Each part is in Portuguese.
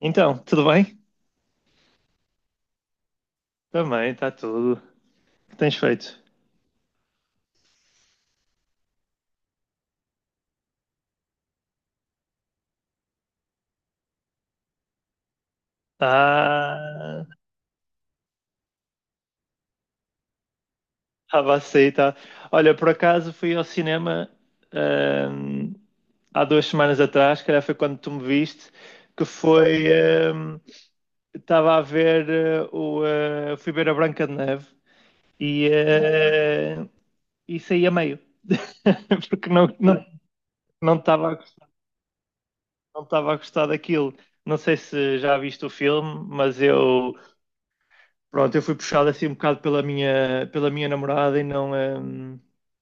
Então, tudo bem? Também, está tudo. O que tens feito? Ah, estava a sair, tá. Olha, por acaso fui ao cinema ahm, há duas semanas atrás, calhar foi quando tu me viste, que foi. Estava a ver o. Fui ver a Branca de Neve e, e saí a meio. Porque não estava não estava a gostar daquilo. Não sei se já viste o filme, mas eu. Pronto, eu fui puxado assim um bocado pela pela minha namorada e não,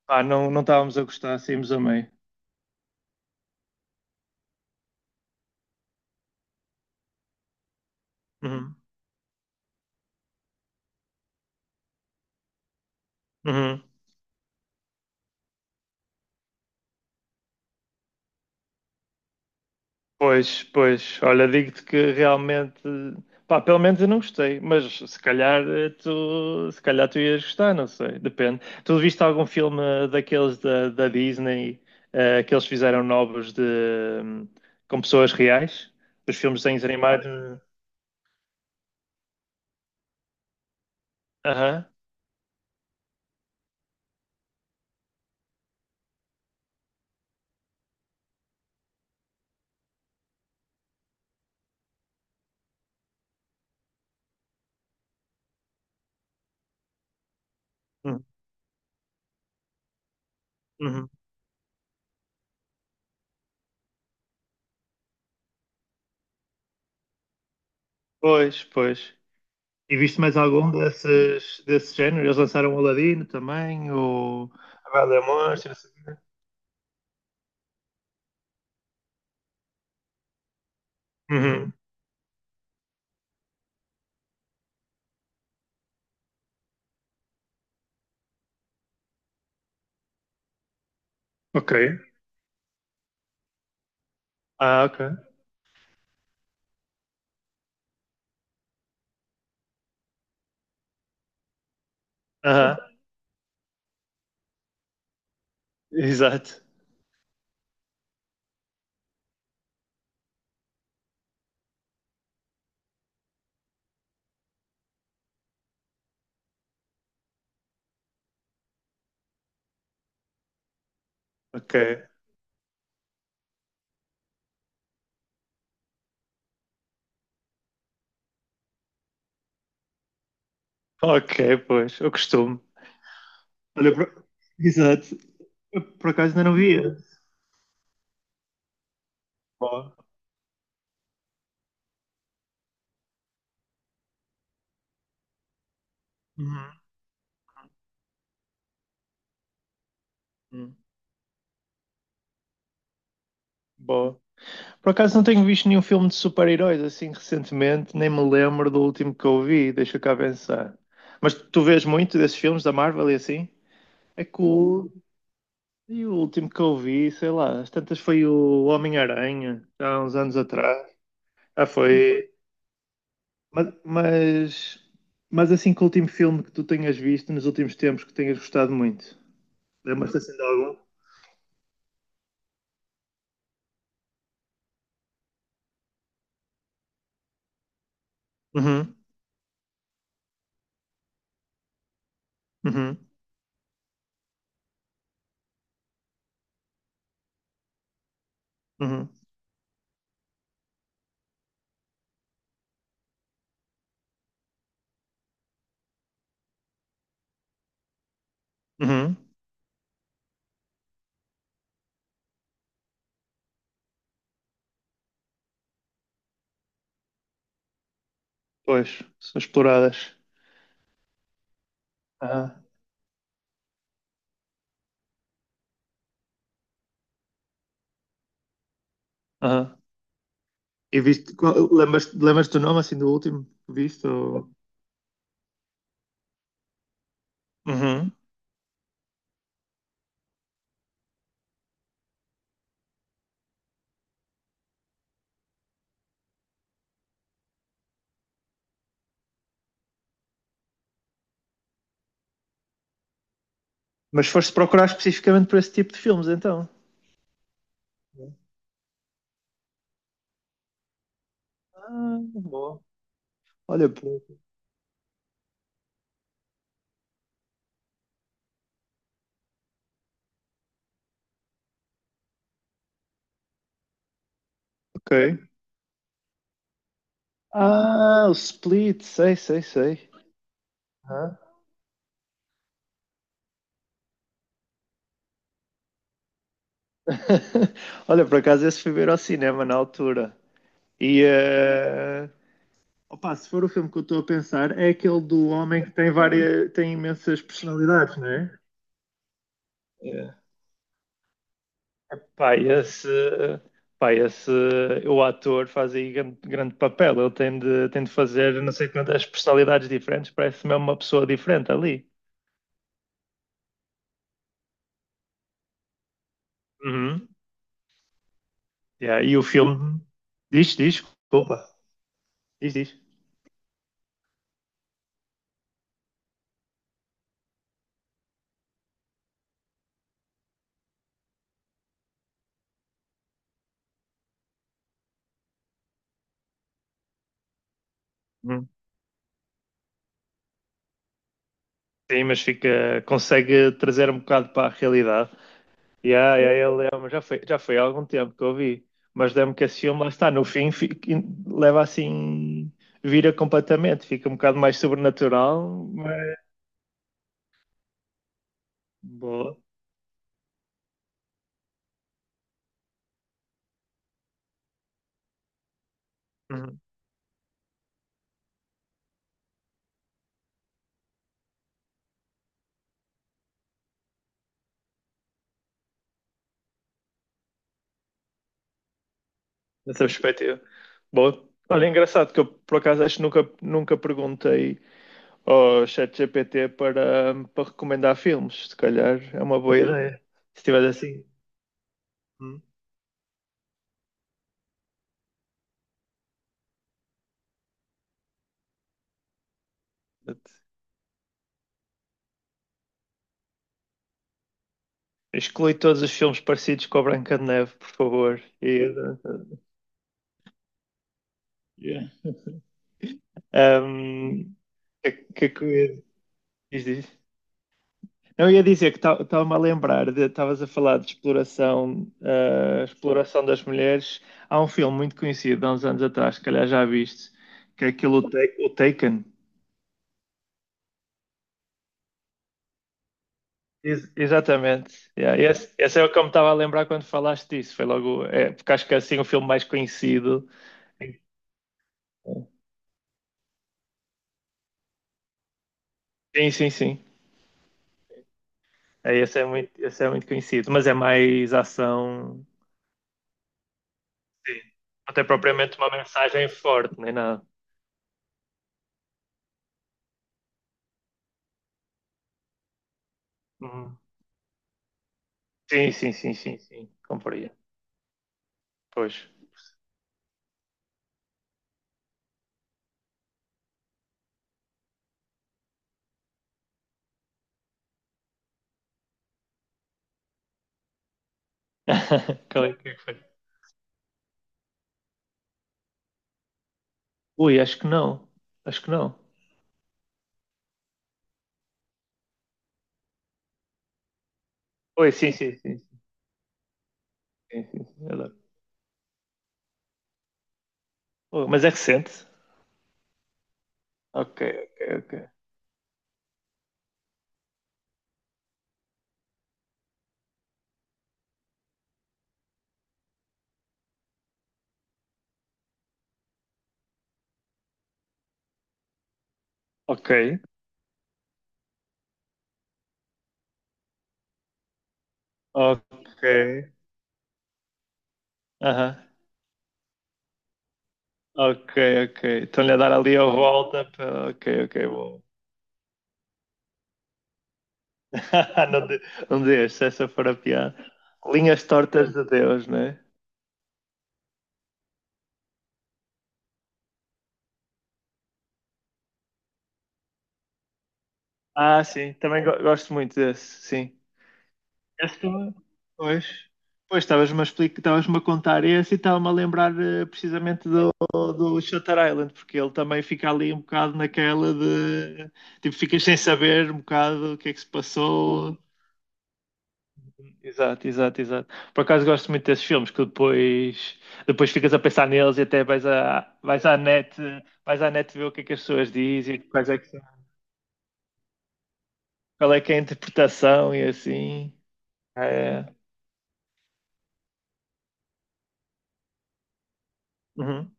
pá, não, não estávamos a gostar, saímos a meio. Uhum, uhum. Pois, pois, olha, digo-te que realmente, pá, pelo menos eu não gostei, mas se calhar tu, se calhar tu ias gostar, não sei, depende. Tu viste algum filme daqueles da Disney, que eles fizeram novos de, hum, com pessoas reais? Os filmes de desenhos animados? Aham. Uhum, uhum. Pois, pois. E viste mais algum desses, desse género? Eles lançaram o Aladino também, o a Bela e a Monstro, não sei o quê. Uhum. Ok. Ah, ok. Aham. Exato. Ok. Ok, pois, eu costumo. Olha, por- exato. Eu por acaso ainda não via. Boa. Uhum. Uhum. Boa. Por acaso não tenho visto nenhum filme de super-heróis assim recentemente, nem me lembro do último que eu vi, deixa cá pensar. Mas tu vês muito desses filmes da Marvel e assim? É cool. E o último que eu vi, sei lá, às tantas foi o Homem-Aranha, há uns anos atrás. Ah, foi. Mas, mas, mas assim, que o último filme que tu tenhas visto nos últimos tempos que tenhas gostado muito? Lembras-te assim de algum? Uhum, uhum, uhum, uhum. Pois, são exploradas. Aham, aham. E viste, qual- lembras-te do nome assim do último que viste? Ou... Uhum. Mas foste procurar especificamente por esse tipo de filmes, então? Ah, bom. Olha, pô. Ok. Ah, o Split, sei, sei, sei. Hã? Olha, por acaso esse fui ver ao cinema na altura. E opa, se for o filme que eu estou a pensar, é aquele do homem que tem várias, tem imensas personalidades, não é? Eh, Pá, esse, pá, esse, o ator faz aí grande, grande papel. Tem de fazer não sei quantas personalidades diferentes, parece mesmo uma pessoa diferente ali. Uhum. Yeah, e o filme desculpa, diz, diz. Uhum. Sim, mas fica, consegue trazer um bocado para a realidade. E aí yeah, yeah, já foi há algum tempo que eu vi, mas lembro que esse filme lá está, no fim fica, leva assim, vira completamente, fica um bocado mais sobrenatural, mas boa, uhum. Nessa perspectiva. Boa. Olha, engraçado que eu por acaso acho que nunca perguntei ao ChatGPT para recomendar filmes, se calhar é uma boa ideia. Se tiver assim. Hum. Exclui todos os filmes parecidos com a Branca de Neve, por favor. E, yeah. um, que diz. Não, eu ia dizer que estava-me a lembrar, de- estavas a falar de exploração, ah, exploração das mulheres. Há um filme muito conhecido, há uns anos atrás, se calhar já viste, que é aquilo, o Ta- o Taken. Ex- exatamente. Yeah, esse é o que eu me estava a lembrar quando falaste disso. Foi logo, é, porque acho que é assim o filme mais conhecido. Sim, sim, sim. É, esse é muito conhecido, mas é mais ação. Sim. Até propriamente uma mensagem forte, nem nada. Uhum. Sim, sim, sim, sim, sim. Compraria. Pois. Qual é que é foi? Ui, acho que não. Acho que não. Ui, sim, sim, sim. Sim, sim, sim. Adoro. Ui, mas é recente. Ok, ok, ok. Ok. Ok. Aham. Ok, ok. Estão-lhe a dar ali a volta. Para... Ok, ok, bom. Não, de, não deixe, se essa for a piada. Linhas tortas de Deus, não é? Ah, sim, também go- gosto muito desse, sim. Esse também. Pois, pois estavas-me a explicar, estavas-me a contar esse e estava-me a lembrar precisamente do Shutter Island, porque ele também fica ali um bocado naquela de tipo, ficas sem saber um bocado o que é que se passou, exato, exato, exato. Por acaso gosto muito desses filmes depois ficas a pensar neles e até vais vais vais à net ver o que é que as pessoas dizem, quais é que são- qual é que é a interpretação e assim. É. Uhum.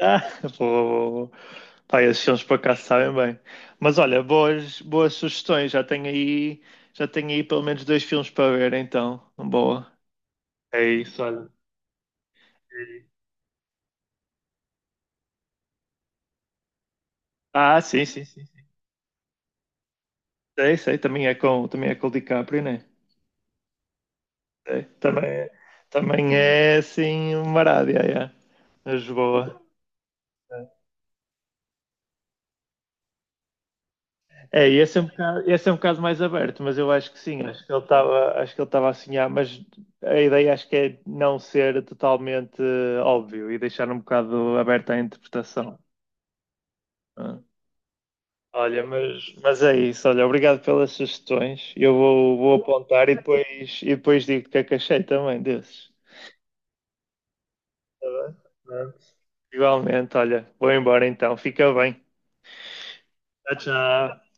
Ah, vou, pá, esses filmes por acaso sabem bem. Mas olha, boas, boas sugestões. Já tenho aí pelo menos dois filmes para ver, então. Boa. É isso, olha. Ah, sim, sim, sim. Sim. Sei, sei, também é com o DiCaprio, né? É, também, é- também é assim uma rádio, é. Mas boa. É, e esse é um bocado mais aberto, mas eu acho que sim, acho que ele estava, acho que ele estava a sonhar, mas a ideia acho que é não ser totalmente óbvio e deixar um bocado aberto à interpretação. Né? Olha, mas é isso, olha, obrigado pelas sugestões. Eu vou, vou apontar e depois digo o que é que achei também desses. Tá bem? Pronto. Igualmente, olha, vou embora então, fica bem. Tchau, tchau.